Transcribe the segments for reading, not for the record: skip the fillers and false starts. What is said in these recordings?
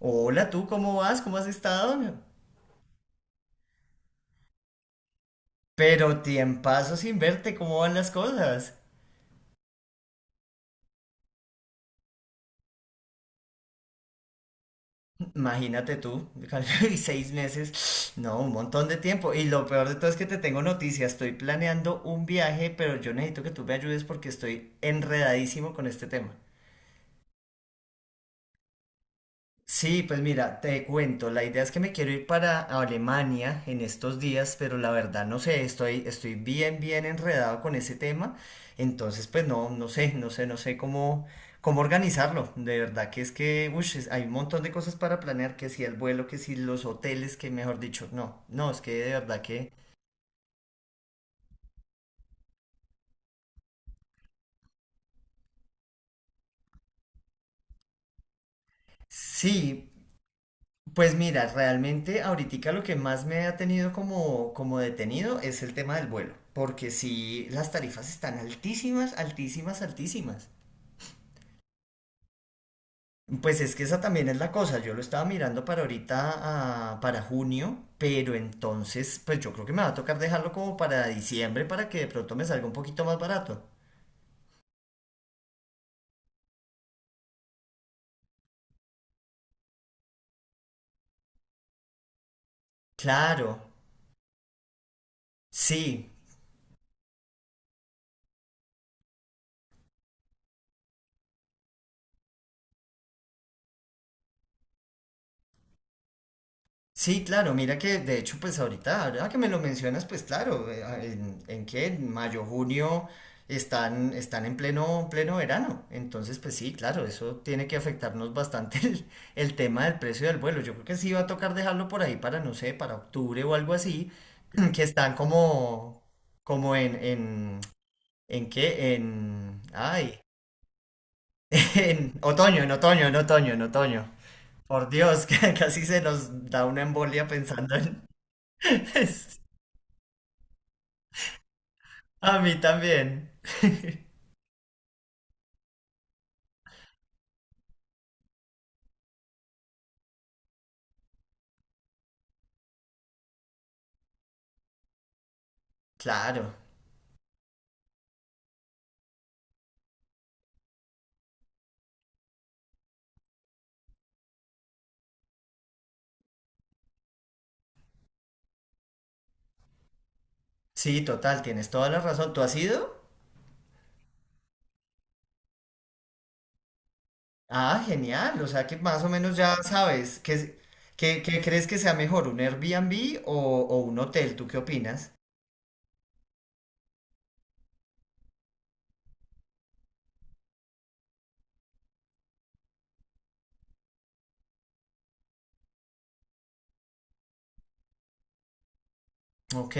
Hola, tú, ¿cómo vas? ¿Cómo has estado? Pero tiempazo sin verte, ¿cómo van las cosas? Imagínate tú, y seis meses, no, un montón de tiempo. Y lo peor de todo es que te tengo noticias, estoy planeando un viaje, pero yo necesito que tú me ayudes porque estoy enredadísimo con este tema. Sí, pues mira, te cuento, la idea es que me quiero ir para Alemania en estos días, pero la verdad no sé, estoy bien, bien enredado con ese tema, entonces pues no, no sé cómo, cómo organizarlo, de verdad que es que, hay un montón de cosas para planear, que si el vuelo, que si los hoteles, que mejor dicho, no, no, es que de verdad que sí. Pues mira, realmente ahorita lo que más me ha tenido como, como detenido es el tema del vuelo, porque sí, las tarifas están altísimas, altísimas, altísimas. Pues es que esa también es la cosa, yo lo estaba mirando para ahorita, para junio, pero entonces, pues yo creo que me va a tocar dejarlo como para diciembre para que de pronto me salga un poquito más barato. Claro, sí. Sí, claro, mira que de hecho pues ahorita, ahora que me lo mencionas, pues claro, en qué, en mayo, junio están, están en pleno, pleno verano. Entonces pues sí, claro, eso tiene que afectarnos bastante el tema del precio del vuelo. Yo creo que sí va a tocar dejarlo por ahí para, no sé, para octubre o algo así, que están como, como en, en, ¿en qué? En, ay, en otoño, en otoño, en otoño, en otoño. Por Dios, que casi se nos da una embolia pensando. A mí también. Claro. Sí, total, tienes toda la razón. ¿Tú has ido? Ah, genial. O sea que más o menos ya sabes qué, qué crees que sea mejor, ¿un Airbnb o un hotel? ¿Tú qué opinas? Ok.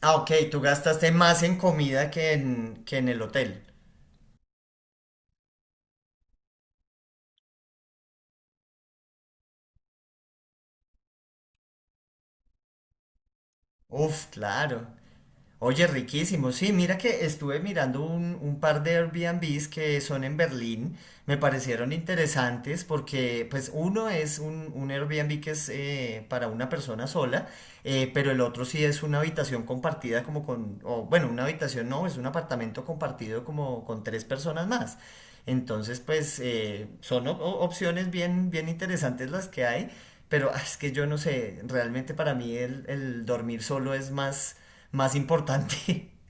Ah, ok, tú gastaste más en comida que en el hotel. Uf, claro. Oye, riquísimo. Sí, mira que estuve mirando un par de Airbnbs que son en Berlín. Me parecieron interesantes porque, pues, uno es un Airbnb que es para una persona sola, pero el otro sí es una habitación compartida como con, o bueno, una habitación no, es un apartamento compartido como con tres personas más. Entonces, pues, son opciones bien, bien interesantes las que hay, pero es que yo no sé, realmente para mí el dormir solo es más más importante.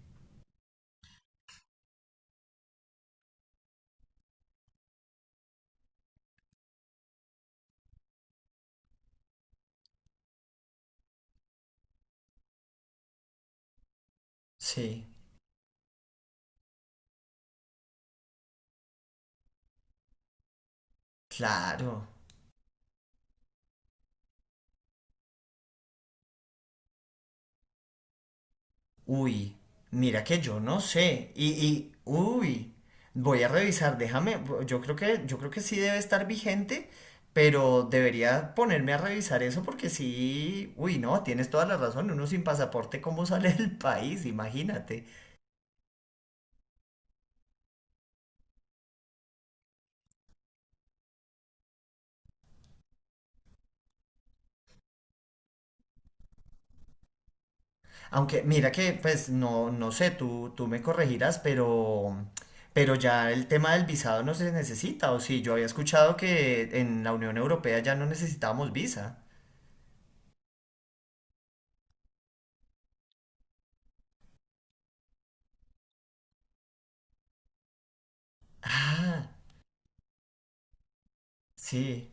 Sí, claro. Uy, mira que yo no sé. Uy, voy a revisar, déjame, yo creo que sí debe estar vigente, pero debería ponerme a revisar eso porque sí, uy, no, tienes toda la razón, uno sin pasaporte, ¿cómo sale del país? Imagínate. Aunque mira que, pues no, no sé, tú me corregirás, pero ya el tema del visado no se necesita, o sí, yo había escuchado que en la Unión Europea ya no necesitábamos visa. Ah, sí.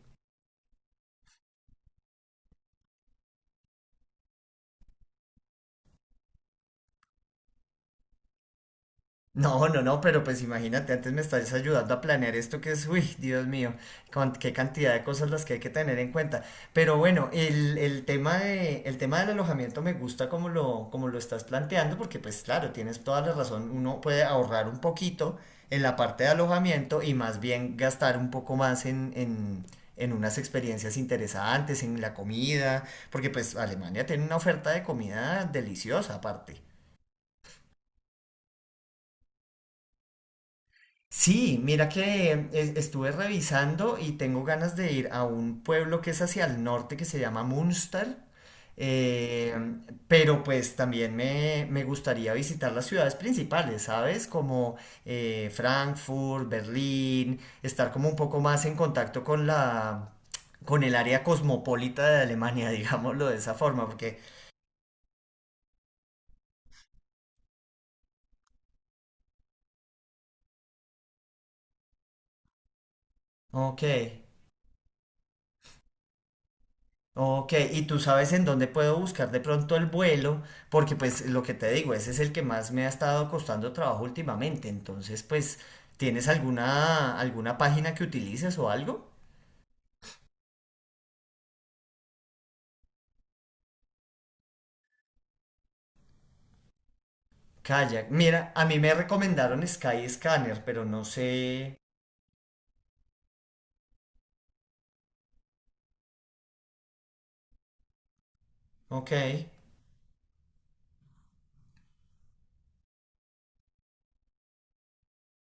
No, no, no, pero pues imagínate, antes me estás ayudando a planear esto que es, uy, Dios mío, con qué cantidad de cosas las que hay que tener en cuenta. Pero bueno, el tema del alojamiento me gusta como lo estás planteando, porque pues claro, tienes toda la razón, uno puede ahorrar un poquito en la parte de alojamiento y más bien gastar un poco más en unas experiencias interesantes, en la comida, porque pues Alemania tiene una oferta de comida deliciosa aparte. Sí, mira que estuve revisando y tengo ganas de ir a un pueblo que es hacia el norte que se llama Munster, eh, pero pues también me gustaría visitar las ciudades principales, ¿sabes? Como Frankfurt, Berlín, estar como un poco más en contacto con la, con el área cosmopolita de Alemania, digámoslo de esa forma, porque, ok. Ok, y tú sabes en dónde puedo buscar de pronto el vuelo, porque pues lo que te digo, ese es el que más me ha estado costando trabajo últimamente. Entonces, pues, ¿tienes alguna página que utilices o algo? Kayak. Mira, a mí me recomendaron Skyscanner, pero no sé. Ok.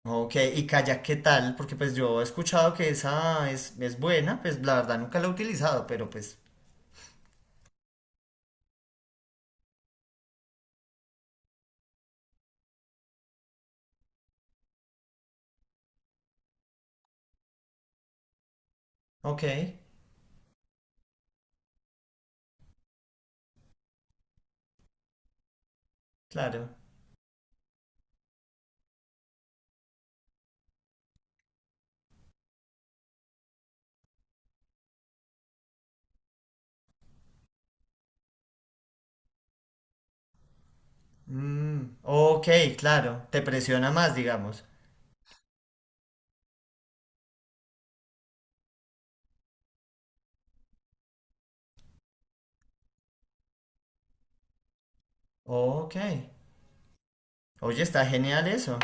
Ok, y Kayak, ¿qué tal? Porque pues yo he escuchado que esa es buena, pues la verdad nunca la he utilizado, pero pues, ok, claro. Mm, ok, claro, te presiona más, digamos. Ok. Oye, está genial eso.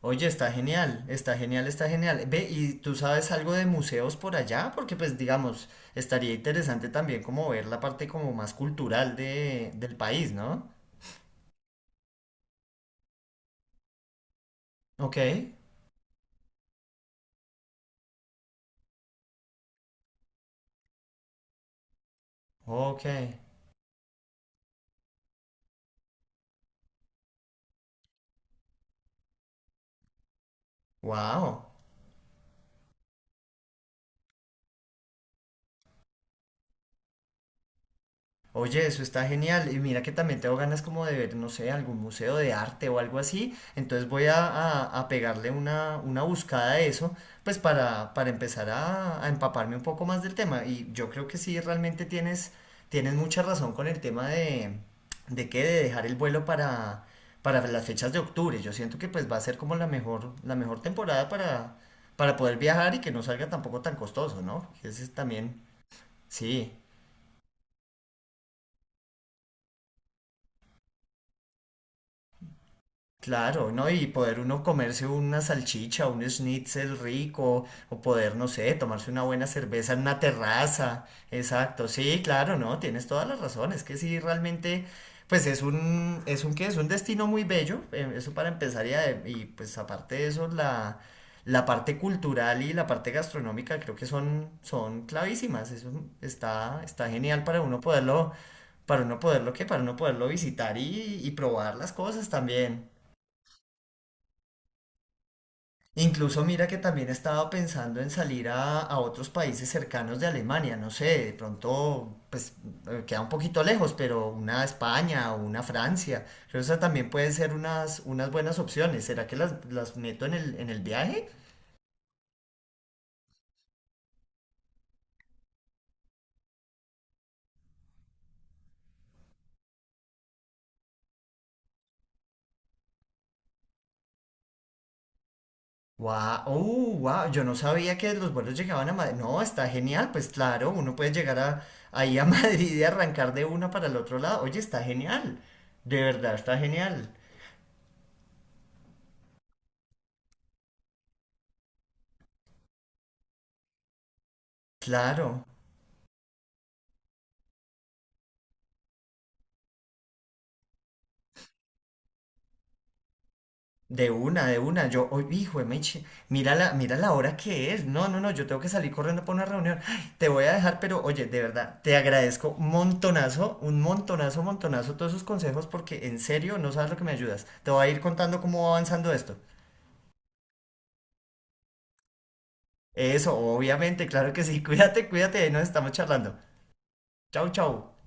Oye, está genial, está genial, está genial. Ve, ¿y tú sabes algo de museos por allá? Porque pues digamos, estaría interesante también como ver la parte como más cultural del país, ¿no? Ok, ok. Wow. Oye, eso está genial. Y mira que también tengo ganas como de ver, no sé, algún museo de arte o algo así. Entonces voy a pegarle una buscada a eso, pues para empezar a empaparme un poco más del tema. Y yo creo que sí, realmente tienes, tienes mucha razón con el tema de dejar el vuelo para las fechas de octubre. Yo siento que pues va a ser como la mejor temporada para poder viajar y que no salga tampoco tan costoso, ¿no? Porque ese es también, sí. Claro, ¿no? Y poder uno comerse una salchicha, un schnitzel rico, o poder, no sé, tomarse una buena cerveza en una terraza. Exacto, sí, claro, ¿no? Tienes toda la razón. Es que sí, realmente, pues es un, ¿qué? Es un destino muy bello, eso para empezar y pues aparte de eso, la parte cultural y la parte gastronómica creo que son, son clavísimas. Eso está, está genial para uno poderlo, ¿qué? Para uno poderlo visitar y probar las cosas también. Incluso mira que también estaba pensando en salir a otros países cercanos de Alemania, no sé, de pronto pues queda un poquito lejos, pero una España o una Francia, creo que esas también pueden ser unas, unas buenas opciones. ¿Será que las meto en en el viaje? Wow, oh, wow, yo no sabía que los vuelos llegaban a Madrid. No, está genial, pues claro, uno puede llegar a, ahí a Madrid y arrancar de una para el otro lado. Oye, está genial, de verdad, está genial. Claro. De una, de una. Yo, hoy, hijo de Meche, mira la hora que es. No, no, no, yo tengo que salir corriendo para una reunión. Ay, te voy a dejar, pero oye, de verdad, te agradezco un montonazo, montonazo todos esos consejos porque en serio no sabes lo que me ayudas. Te voy a ir contando cómo va avanzando esto. Eso, obviamente, claro que sí. Cuídate, cuídate, ahí nos estamos charlando. Chau, chau.